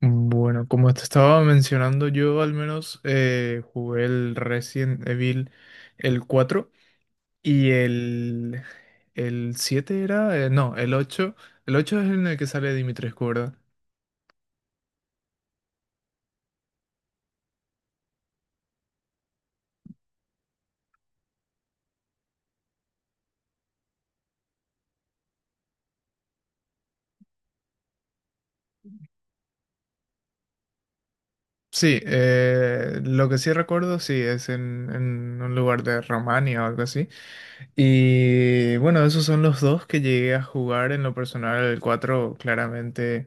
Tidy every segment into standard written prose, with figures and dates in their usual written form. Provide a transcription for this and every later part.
Bueno, como te estaba mencionando, yo al menos jugué el Resident Evil el 4 y el, el 7 era, no, el ocho. El 8 es en el que sale Dimitrescu, ¿verdad? Sí, lo que sí recuerdo, sí, es en un lugar de Romania o algo así. Y bueno, esos son los dos que llegué a jugar en lo personal. El 4 claramente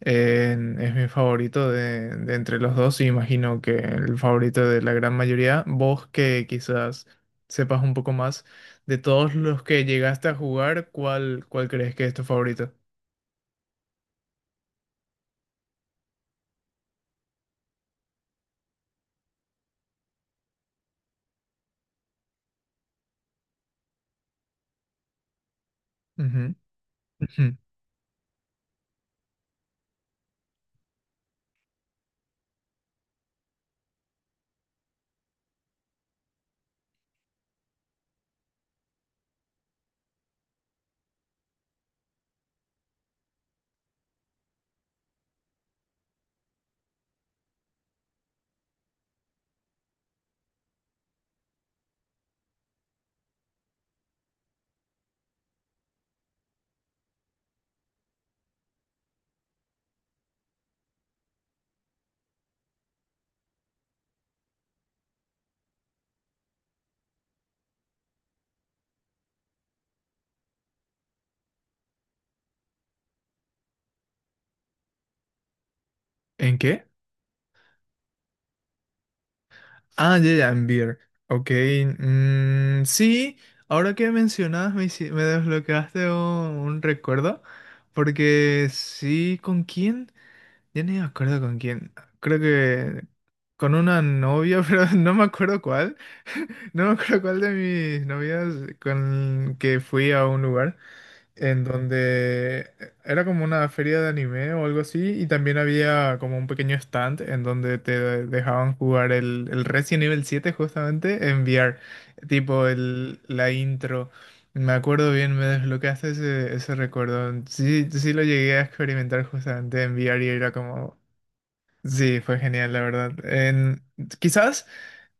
Es mi favorito de entre los dos y imagino que el favorito de la gran mayoría. Vos que quizás sepas un poco más de todos los que llegaste a jugar, ¿ cuál crees que es tu favorito? Ujú, ujú. ¿En qué? Ah, ya, ya, en Beer. Ok, mm, sí, ahora que mencionas me desbloqueaste un recuerdo, porque sí, ¿con quién? Yo no me acuerdo con quién. Creo que con una novia, pero no me acuerdo cuál. No me acuerdo cuál de mis novias con que fui a un lugar en donde era como una feria de anime o algo así, y también había como un pequeño stand en donde te dejaban jugar el Resident Evil 7 justamente en VR, tipo la intro. Me acuerdo bien, me desbloqueaste ese recuerdo. Sí, sí lo llegué a experimentar justamente en VR y era como... Sí, fue genial, la verdad. En, quizás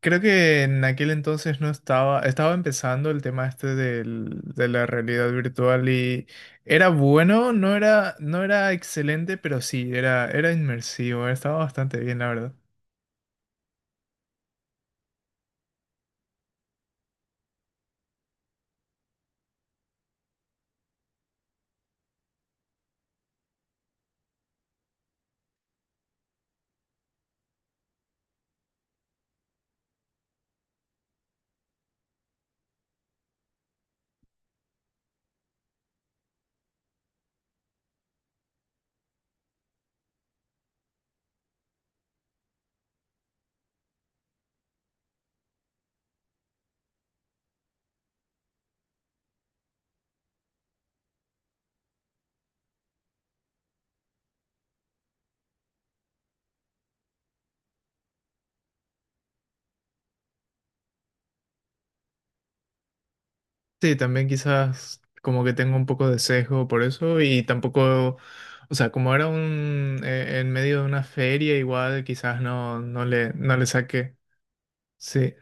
creo que en aquel entonces no estaba, estaba empezando el tema este de la realidad virtual y era bueno, no era excelente, pero sí, era inmersivo, estaba bastante bien, la verdad. Sí, también quizás como que tengo un poco de sesgo por eso y tampoco, o sea, como era en medio de una feria, igual quizás no, no le saqué. Sí.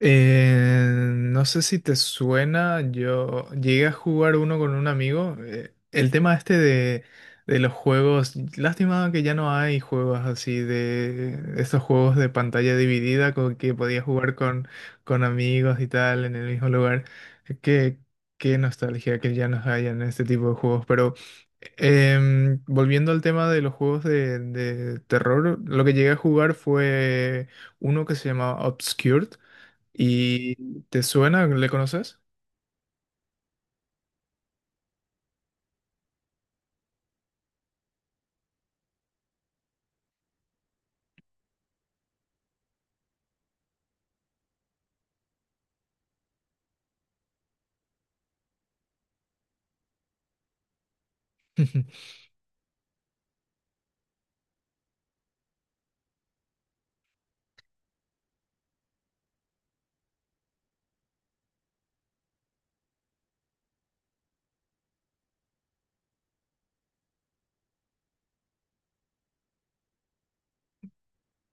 Eh, no sé si te suena, yo llegué a jugar uno con un amigo. El tema este de los juegos, lástima que ya no hay juegos así, de estos juegos de pantalla dividida con que podías jugar con amigos y tal en el mismo lugar. Qué, qué nostalgia que ya no hayan este tipo de juegos, pero... volviendo al tema de los juegos de terror, lo que llegué a jugar fue uno que se llamaba Obscured. ¿Y te suena? ¿Le conoces?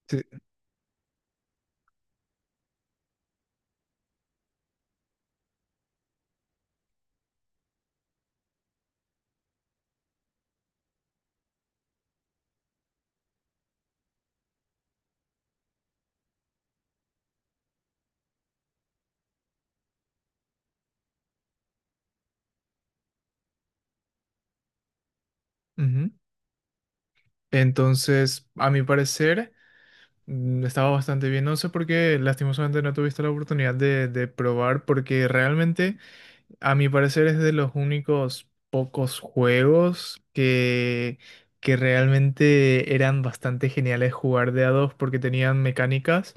Sí. Ujú. Entonces, a mi parecer, mm, estaba bastante bien. No sé por qué, lastimosamente, no tuviste la oportunidad de probar, porque realmente, a mi parecer, es de los únicos pocos juegos que realmente eran bastante geniales jugar de a dos, porque tenían mecánicas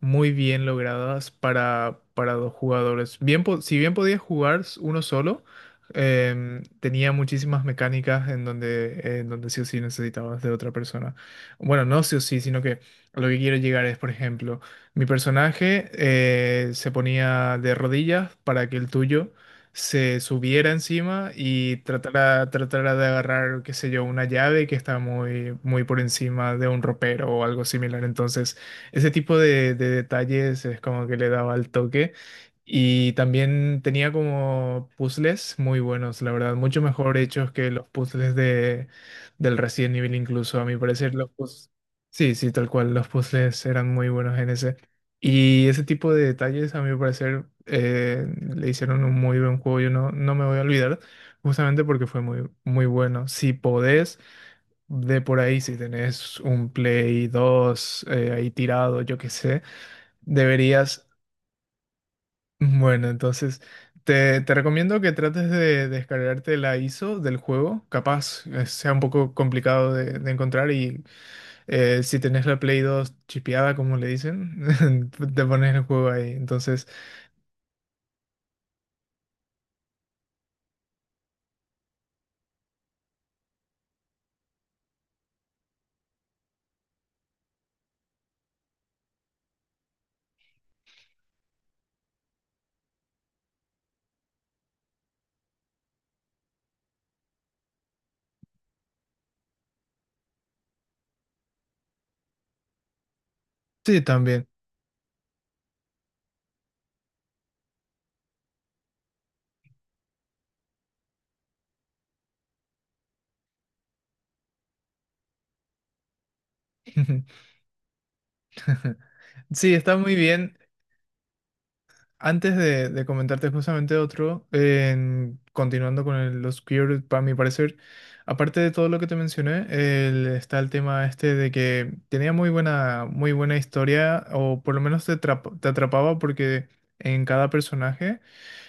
muy bien logradas para dos jugadores. Bien, si bien podía jugar uno solo, tenía muchísimas mecánicas en donde sí o sí necesitabas de otra persona. Bueno, no sí o sí, sino que a lo que quiero llegar es, por ejemplo, mi personaje se ponía de rodillas para que el tuyo se subiera encima y tratara de agarrar, qué sé yo, una llave que está muy, muy por encima de un ropero o algo similar. Entonces, ese tipo de detalles es como que le daba el toque. Y también tenía como puzzles muy buenos, la verdad, mucho mejor hechos que los puzzles del Resident Evil incluso. A mi parecer los puzzles... Sí, sí, tal cual, los puzzles eran muy buenos en ese. Y ese tipo de detalles, a mi parecer, le hicieron un muy buen juego. Yo no me voy a olvidar, justamente porque fue muy, muy bueno. Si podés... De por ahí, si tenés un Play dos ahí tirado, yo qué sé, deberías... Bueno, entonces te recomiendo que trates de descargarte la ISO del juego. Capaz sea un poco complicado de encontrar y si tenés la Play dos chipeada, como le dicen, te pones el juego ahí. Entonces, sí, también. Sí, está muy bien. Antes de comentarte justamente otro, continuando con los queer, para mi parecer, aparte de todo lo que te mencioné, está el tema este de que tenía muy buena historia, o por lo menos te atrapaba porque en cada personaje,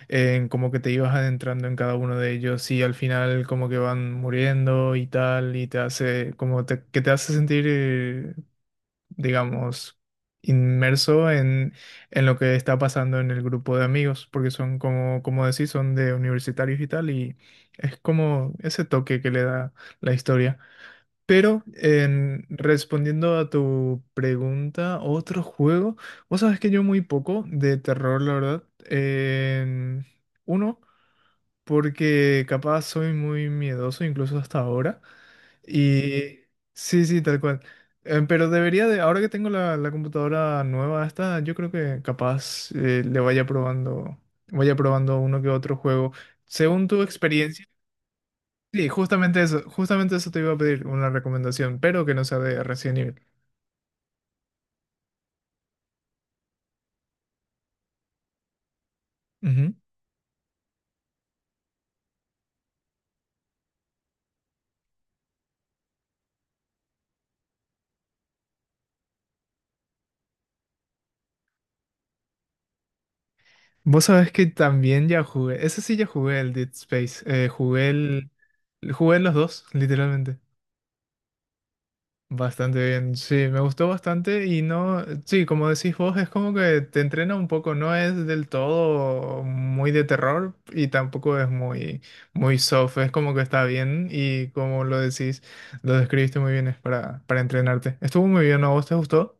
en como que te ibas adentrando en cada uno de ellos y al final como que van muriendo y tal, y te hace, como que te hace sentir, digamos, inmerso en lo que está pasando en el grupo de amigos, porque son como, como decís, son de universitarios y tal, y es como ese toque que le da la historia. Pero respondiendo a tu pregunta, otro juego, vos sabés que yo muy poco de terror, la verdad. En uno, porque capaz soy muy miedoso, incluso hasta ahora. Y sí, sí, tal cual. Pero debería de, ahora que tengo la computadora nueva esta, yo creo que capaz le vaya probando uno que otro juego. Según tu experiencia, sí, justamente eso te iba a pedir, una recomendación, pero que no sea de Resident Evil. Ujú. Vos sabés que también ya jugué, ese sí ya jugué el Dead Space, jugué jugué los dos, literalmente. Bastante bien, sí, me gustó bastante y no, sí, como decís vos, es como que te entrena un poco, no es del todo muy de terror y tampoco es muy, muy soft, es como que está bien y como lo decís, lo describiste muy bien, es para entrenarte. Estuvo muy bien, ¿no? ¿A vos te gustó?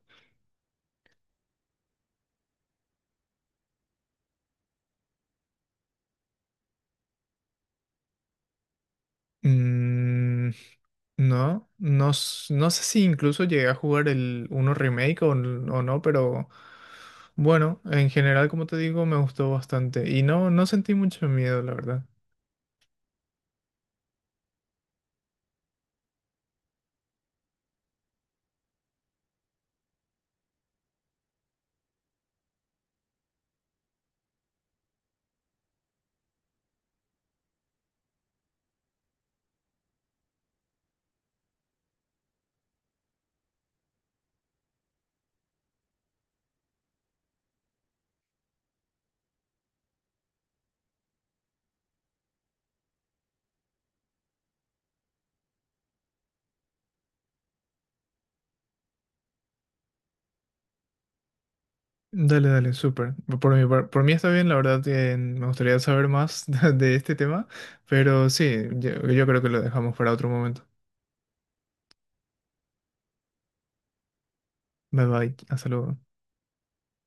Mm, no, no, no sé si incluso llegué a jugar el uno remake o, o no, pero bueno, en general, como te digo, me gustó bastante y no, no sentí mucho miedo, la verdad. Dale, dale, súper. Por mí está bien, la verdad que me gustaría saber más de este tema, pero sí, yo creo que lo dejamos para otro momento. Bye bye, hasta luego.